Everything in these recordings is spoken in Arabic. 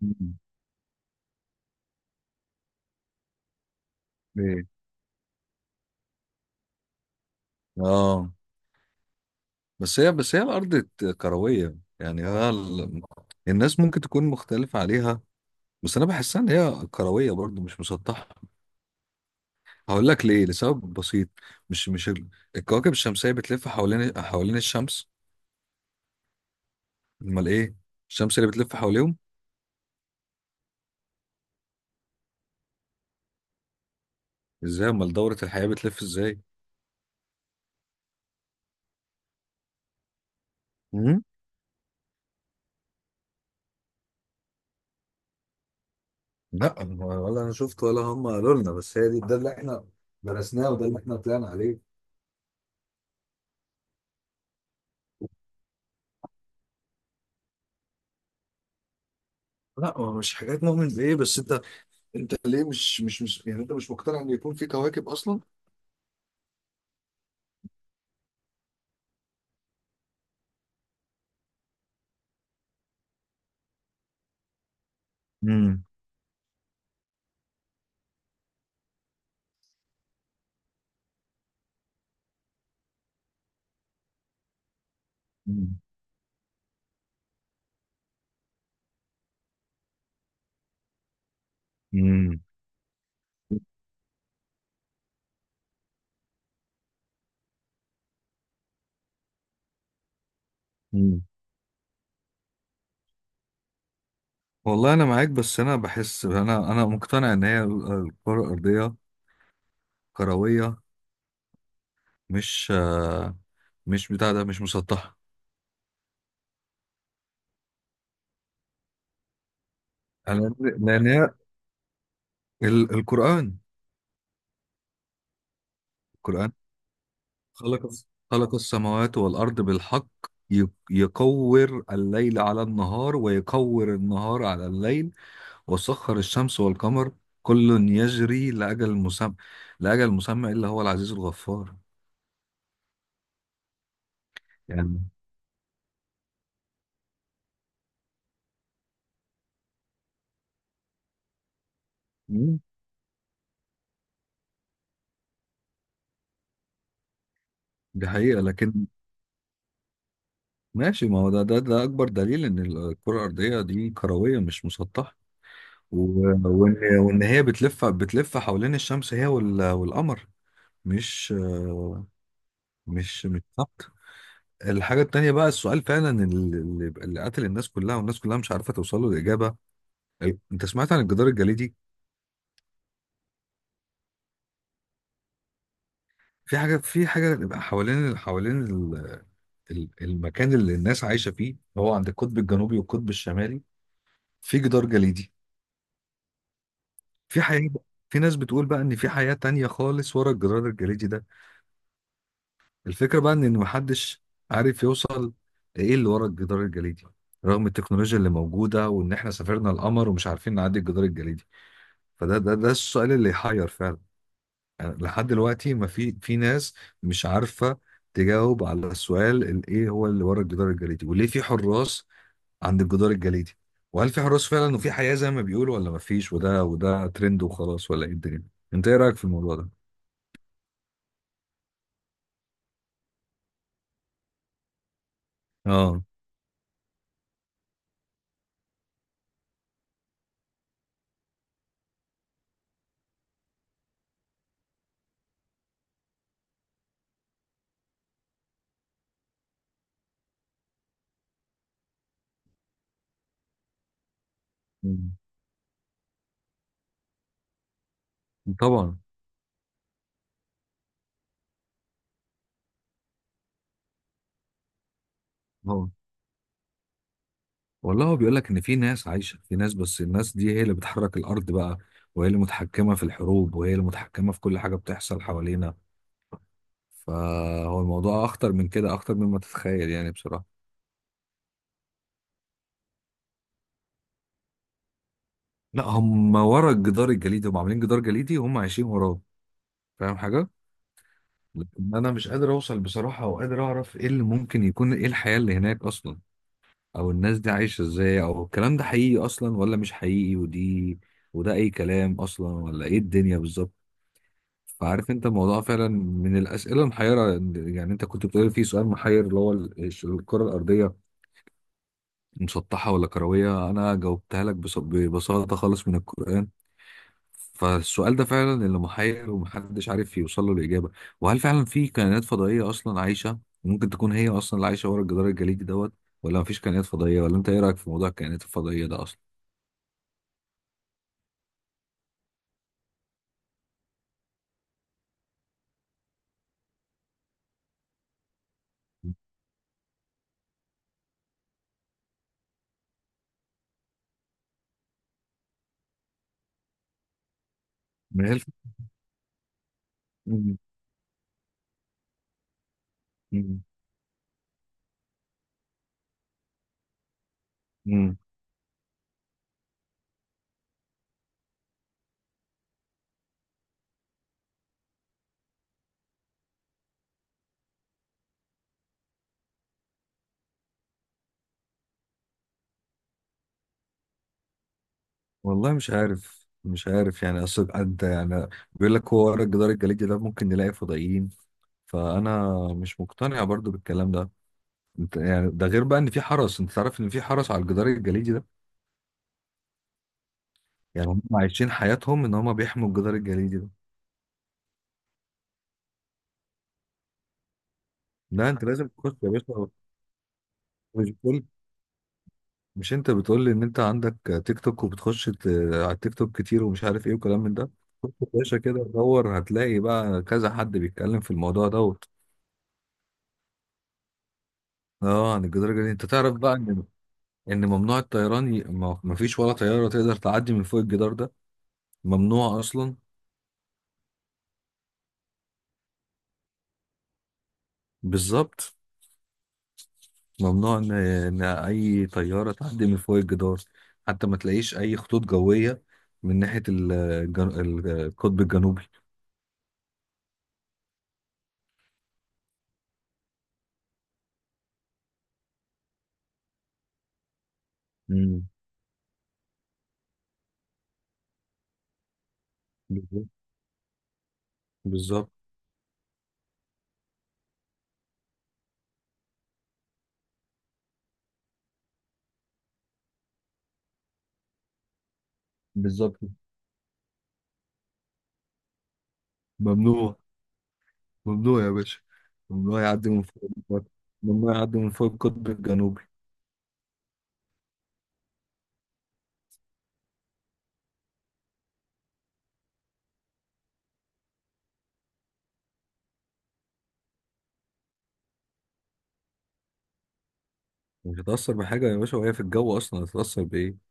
مم. ايه. اه. بس هي الارض كرويه. يعني الناس ممكن تكون مختلفه عليها، بس انا بحسها ان هي كرويه برضو، مش مسطحه. هقول لك ليه، لسبب بسيط. مش مش ال... الكواكب الشمسيه بتلف حوالين الشمس. امال ايه؟ الشمس اللي بتلف حواليهم؟ ازاي؟ امال دوره الحياه بتلف ازاي؟ امم لا، هو ولا انا شفت ولا هم قالوا لنا، بس هي دي ده اللي احنا درسناه، وده اللي احنا طلعنا عليه. لا، هو مش حاجات مؤمن بايه، بس انت ليه مش يعني انت مش مقتنع ان يكون في كواكب اصلا؟ مم. مم. مم. مم. والله انا معاك، بس انا بحس انا مقتنع ان هي الكره الارضيه كرويه، مش مش بتاع ده، مش مسطحه. انا لان هي القران، القران خلق خلق السماوات والارض بالحق، ي- يكور الليل على النهار ويكور النهار على الليل، وسخر الشمس والقمر، كل يجري لأجل مسمى، لأجل مسمى، إلا هو العزيز الغفار. يعني مم، دي حقيقة، لكن ماشي. ما هو ده أكبر دليل إن الكرة الأرضية دي كروية مش مسطحة، وإن هي بتلف حوالين الشمس، هي والقمر، مش مش ثابتة. الحاجة التانية بقى، السؤال فعلا اللي قتل الناس كلها، والناس كلها مش عارفة توصل له الإجابة. أنت سمعت عن الجدار الجليدي؟ في حاجة بيبقى حوالين المكان اللي الناس عايشة فيه، هو عند القطب الجنوبي والقطب الشمالي، في جدار جليدي. في حياة بقى- في ناس بتقول بقى إن في حياة تانية خالص ورا الجدار الجليدي ده. الفكرة بقى إن محدش عارف يوصل إيه اللي ورا الجدار الجليدي، رغم التكنولوجيا اللي موجودة، وإن إحنا سافرنا القمر ومش عارفين نعدي الجدار الجليدي. فده ده ده السؤال اللي يحير فعلا. يعني لحد دلوقتي ما في ناس مش عارفه تجاوب على السؤال، ايه هو اللي ورا الجدار الجليدي، وليه في حراس عند الجدار الجليدي، وهل في حراس فعلا وفي حياه زي ما بيقولوا، ولا ما فيش، وده ترند وخلاص، ولا ايه الدنيا؟ انت ايه رايك في الموضوع ده؟ اه. مم. طبعا. اه. والله هو بيقول لك ان في ناس عايشه، في ناس، بس الناس دي هي اللي بتحرك الارض بقى، وهي اللي متحكمه في الحروب، وهي اللي متحكمه في كل حاجه بتحصل حوالينا. فهو الموضوع اخطر من كده، اخطر مما تتخيل، يعني بصراحه. لا، هم ورا الجدار الجليدي، هم عاملين جدار جليدي وهم عايشين وراه. فاهم حاجة؟ لكن أنا مش قادر أوصل بصراحة، أو قادر أعرف إيه اللي ممكن يكون، إيه الحياة اللي هناك أصلا، أو الناس دي عايشة إزاي، أو الكلام ده حقيقي أصلا ولا مش حقيقي، ودي وده أي كلام أصلا، ولا إيه الدنيا بالظبط. فعارف أنت الموضوع فعلا من الأسئلة المحيرة. يعني أنت كنت بتقول في سؤال محير اللي هو الكرة الأرضية مسطحة ولا كروية، أنا جاوبتها لك ببساطة خالص من القرآن. فالسؤال ده فعلا اللي محير، ومحدش عارف يوصل له الإجابة. وهل فعلا في كائنات فضائية أصلا عايشة، ممكن تكون هي أصلا اللي عايشة ورا الجدار الجليدي دوت، ولا مفيش كائنات فضائية؟ ولا أنت إيه رأيك في موضوع الكائنات الفضائية ده أصلا؟ ما هي الف- مم. مم. مم. والله مش عارف، مش عارف، يعني أصل أنت يعني بيقول لك هو ورا الجدار الجليدي ده ممكن نلاقي فضائيين. فأنا مش مقتنع برضو بالكلام ده. يعني ده، غير بقى إن في حرس، أنت تعرف إن في حرس على الجدار الجليدي ده. يعني هم عايشين حياتهم ان هم بيحموا الجدار الجليدي ده. لا، انت لازم تخش يا باشا. مش بتقول، مش انت بتقول لي ان انت عندك تيك توك، وبتخش على التيك توك كتير، ومش عارف ايه وكلام من ده؟ خش يا باشا كده دور، هتلاقي بقى كذا حد بيتكلم في الموضوع دوت. اه. عن الجدار الجليدي، انت تعرف بقى ان ممنوع الطيران، ما فيش ولا طياره تقدر تعدي من فوق الجدار ده، ممنوع اصلا. بالظبط. ممنوع إن اي طياره تعدي من فوق الجدار، حتى ما تلاقيش اي خطوط جويه من ناحيه القطب الجنوبي. امم بالظبط. بالظبط. بالظبط. ممنوع. ممنوع يا باشا. ممنوع يعدي من فوق الجدار. ممنوع يعدي من فوق القطب الجنوبي. مش هتأثر بحاجة يا باشا، وهي في الجو أصلا هتتأثر بإيه؟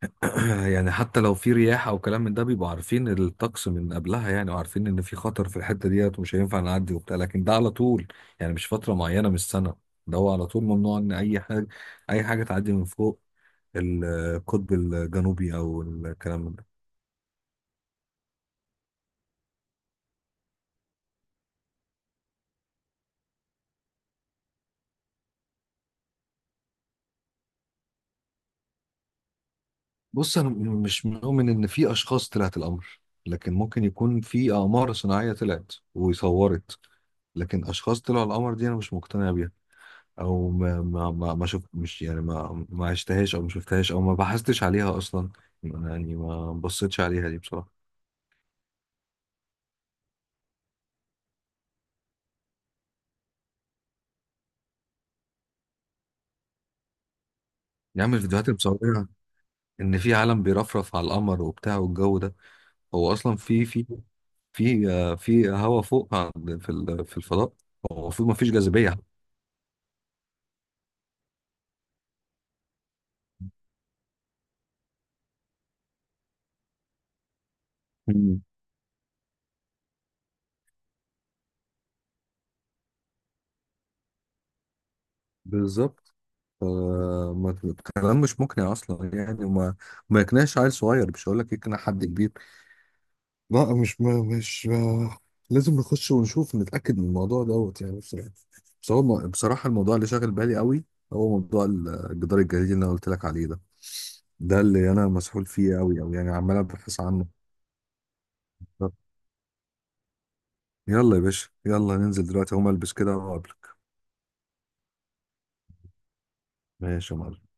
يعني حتى لو في رياح او كلام من ده، بيبقوا عارفين الطقس من قبلها يعني، وعارفين ان في خطر في الحته ديت ومش هينفع نعدي وبتاع، لكن ده على طول، يعني مش فتره معينه من السنه. ده هو على طول ممنوع ان اي حاجه تعدي من فوق القطب الجنوبي او الكلام من ده. بص، انا مش مؤمن ان في اشخاص طلعت القمر، لكن ممكن يكون في اقمار صناعيه طلعت وصورت، لكن اشخاص طلعوا القمر دي انا مش مقتنع بيها، او ما شفت. مش يعني ما عشتهاش، او ما شفتهاش، او ما بحثتش عليها اصلا، يعني ما بصيتش عليها دي بصراحه. يا عم، الفيديوهات اللي مصورها ان في عالم بيرفرف على القمر وبتاع والجو ده، هو اصلا في هوا فوق، في الفضاء. هو المفروض ما فيش جاذبيه. مم. بالظبط. ف- الكلام مش مقنع اصلا، يعني وما ما يقنعش عيل صغير، مش هقول لك يقنع حد كبير. لا، مش ما مش ما لازم نخش ونشوف نتأكد من الموضوع دوت، يعني بصراحة. بس هو بصراحة الموضوع اللي شاغل بالي قوي، هو موضوع الجدار الجليدي اللي انا قلت لك عليه ده، ده اللي انا مسحول فيه قوي قوي، يعني عمال ابحث عنه. يلا يا باشا، يلا ننزل دلوقتي، هقوم البس كده واقابلك. ماشي يا معلم.